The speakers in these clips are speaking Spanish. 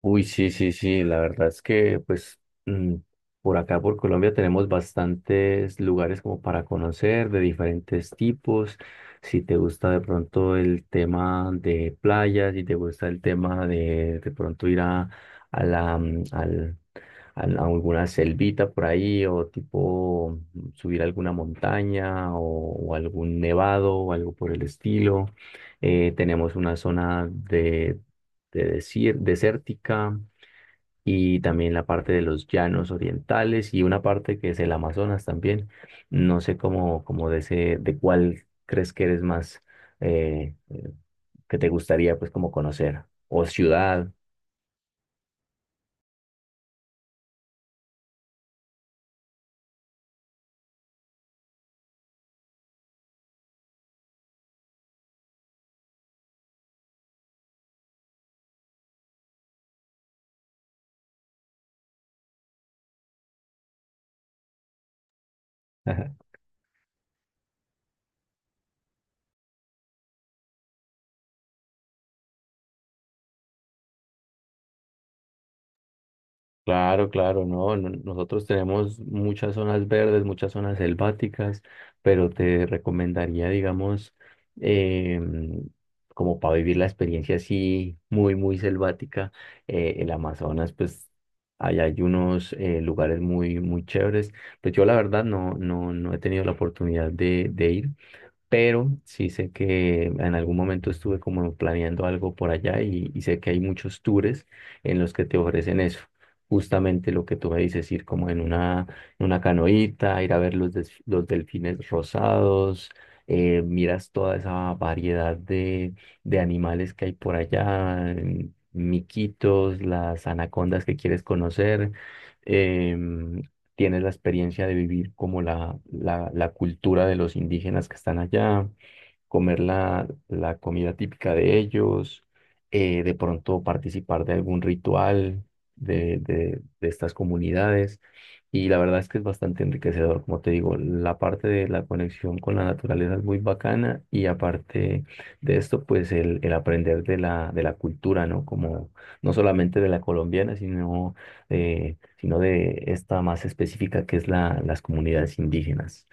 Uy, sí, sí, sí, la verdad es que pues por acá, por Colombia, tenemos bastantes lugares como para conocer de diferentes tipos. Si te gusta de pronto el tema de playas, si te gusta el tema de pronto ir a, a la, mm, al, a alguna selvita por ahí o tipo subir alguna montaña o algún nevado o algo por el estilo. Tenemos una zona de, desértica y también la parte de los llanos orientales y una parte que es el Amazonas también. No sé cómo, cómo de ese, de cuál crees que eres más eh, eh, que te gustaría pues como conocer o ciudad. Claro, claro, no, nosotros tenemos muchas zonas verdes, muchas zonas selváticas, pero te recomendaría, digamos, em, como para vivir la experiencia así muy, muy selvática, el Amazonas, pues allá hay unos lugares muy, muy chéveres. Pues yo la verdad no, no, no he tenido la oportunidad de ir, pero sí sé que en algún momento estuve como planeando algo por allá y sé que hay muchos tours en los que te ofrecen eso. Justamente lo que tú me dices, ir como en una canoita, ir a ver los delfines rosados, miras toda esa variedad de animales que hay por allá, miquitos, las anacondas que quieres conocer. em, Tienes la experiencia de vivir como la cultura de los indígenas que están allá, comer la, la comida típica de ellos, de pronto participar de algún ritual de estas comunidades. Y la verdad es que es bastante enriquecedor, como te digo, la parte de la conexión con la naturaleza es muy bacana y aparte de esto, pues el aprender de la cultura, ¿no? Como no solamente de la colombiana, sino, sino de esta más específica que es la, las comunidades indígenas.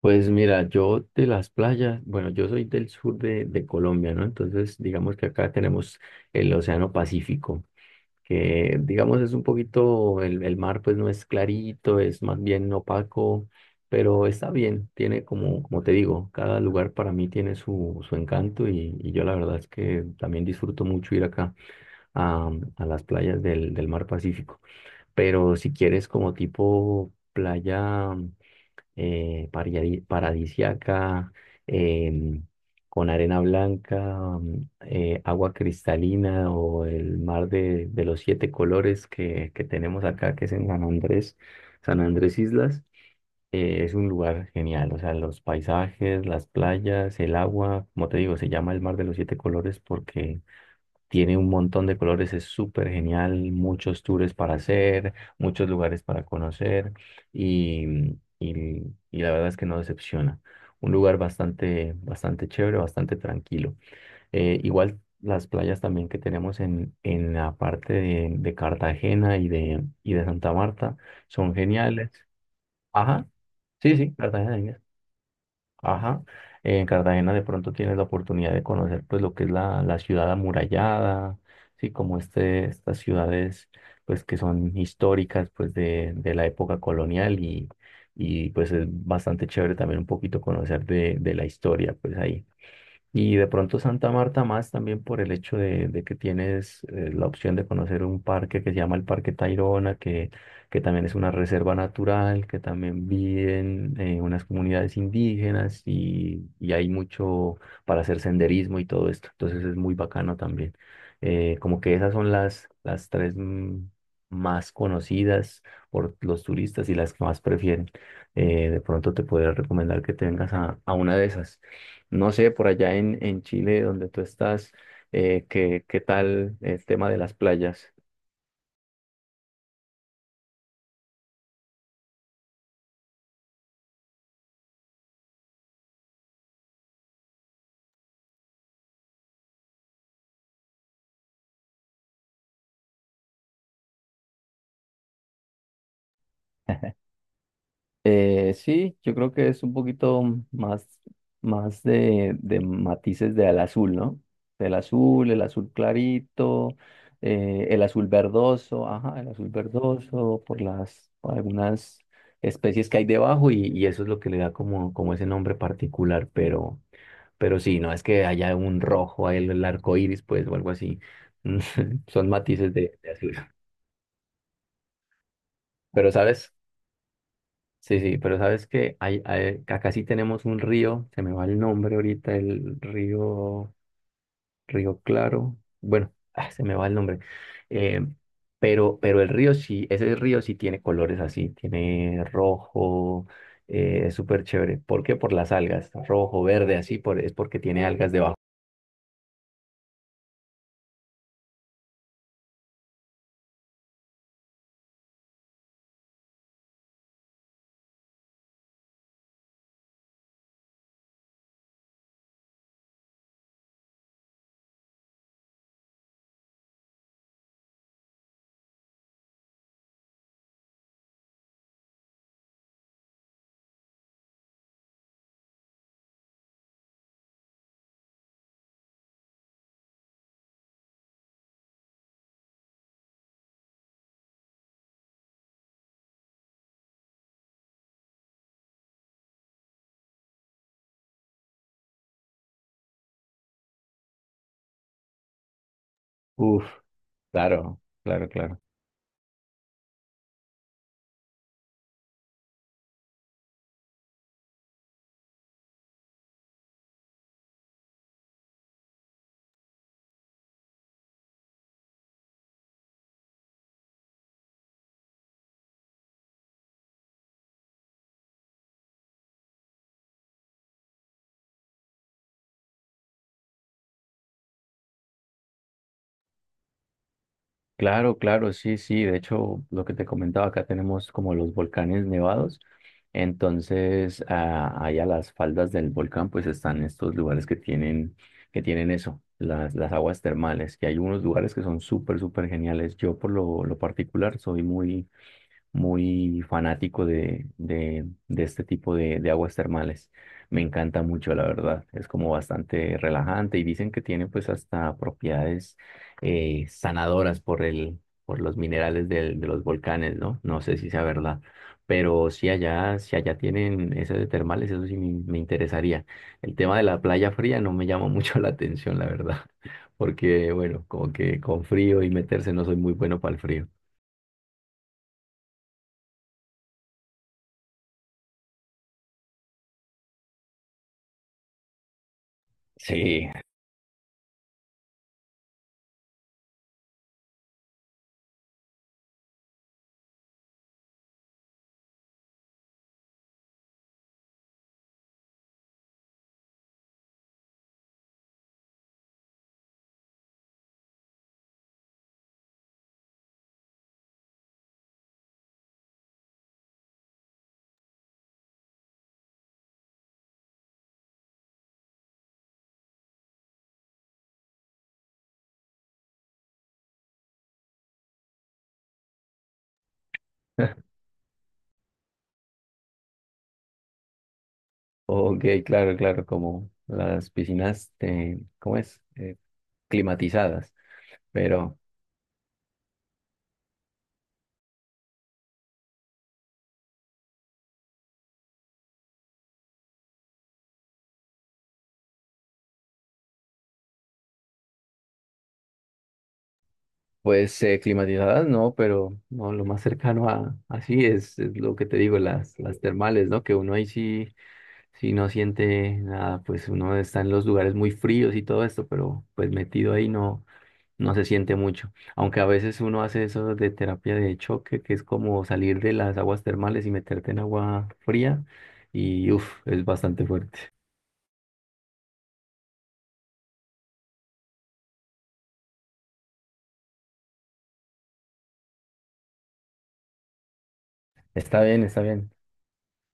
Pues mira, yo de las playas, bueno, yo soy del sur de Colombia, ¿no? Entonces, digamos que acá tenemos el Océano Pacífico, que digamos es un poquito, el mar pues no es clarito, es más bien opaco, pero está bien, tiene como, como te digo, cada lugar para mí tiene su, su encanto y yo la verdad es que también disfruto mucho ir acá a, a las playas del, del mar Pacífico. Pero si quieres como tipo playa paradisiaca, em, con arena blanca, agua cristalina o el mar de los siete colores que tenemos acá, que es en San Andrés, San Andrés Islas. Es un lugar genial, o sea, los paisajes, las playas, el agua, como te digo, se llama el mar de los siete colores porque tiene un montón de colores, es súper genial, muchos tours para hacer, muchos lugares para conocer y, y la verdad es que no decepciona. Un lugar bastante, bastante chévere, bastante tranquilo. Igual las playas también que tenemos en la parte de Cartagena y de Santa Marta son geniales. Ajá, sí, sí, Cartagena. Ajá. En Cartagena de pronto tienes la oportunidad de conocer pues lo que es la, la ciudad amurallada, sí, como este, estas ciudades pues que son históricas pues de la época colonial y pues es bastante chévere también un poquito conocer de la historia pues ahí. Y de pronto Santa Marta más también por el hecho de que tienes la opción de conocer un parque que se llama el Parque Tayrona, que también es una reserva natural, que también viven unas comunidades indígenas y hay mucho para hacer senderismo y todo esto. Entonces es muy bacano también. Como que esas son las tres más conocidas por los turistas y las que más prefieren. De pronto te podría recomendar que te vengas a una de esas. No sé, por allá en Chile, donde tú estás, ¿qué, qué tal el tema de las playas? Sí, yo creo que es un poquito más, más de matices del azul, ¿no? Del azul, el azul clarito, el azul verdoso, ajá, el azul verdoso, por las, por algunas especies que hay debajo y eso es lo que le da como, como ese nombre particular, pero. Pero sí, no es que haya un rojo, el arco iris, pues, o algo así. Son matices de azul. Pero sabes, sí, sí, pero sabes que hay, acá sí tenemos un río, se me va el nombre ahorita, el río, Río Claro. Bueno, ah, se me va el nombre. Eh, pero el río sí, ese río sí tiene colores así, tiene rojo, es súper chévere. ¿Por qué? Por las algas, rojo, verde, así, por, es porque tiene algas debajo. Uf, claro, claro, claro. Claro, claro, sí, sí. De hecho, lo que te comentaba, acá tenemos como los volcanes nevados. Entonces, ah, ahí las faldas del volcán, pues están estos lugares que tienen eso, las aguas termales, que hay unos lugares que son súper, súper geniales. Yo por lo particular soy muy, muy fanático de este tipo de aguas termales. Me encanta mucho, la verdad. Es como bastante relajante y dicen que tiene pues hasta propiedades sanadoras por el, por los minerales de los volcanes, ¿no? No sé si sea verdad. Pero si allá, si allá tienen esas de termales, eso sí me interesaría. El tema de la playa fría no me llama mucho la atención, la verdad. Porque, bueno, como que con frío y meterse no soy muy bueno para el frío. Sí. Ok, claro, claro, como las piscinas, ¿cómo es? Climatizadas, pero pues climatizadas no, pero no, lo más cercano a así es lo que te digo, las termales, ¿no? Que uno ahí sí, sí no siente nada, pues uno está en los lugares muy fríos y todo esto, pero pues metido ahí no, no se siente mucho, aunque a veces uno hace eso de terapia de choque, que es como salir de las aguas termales y meterte en agua fría y uff, es bastante fuerte. Está bien, está bien.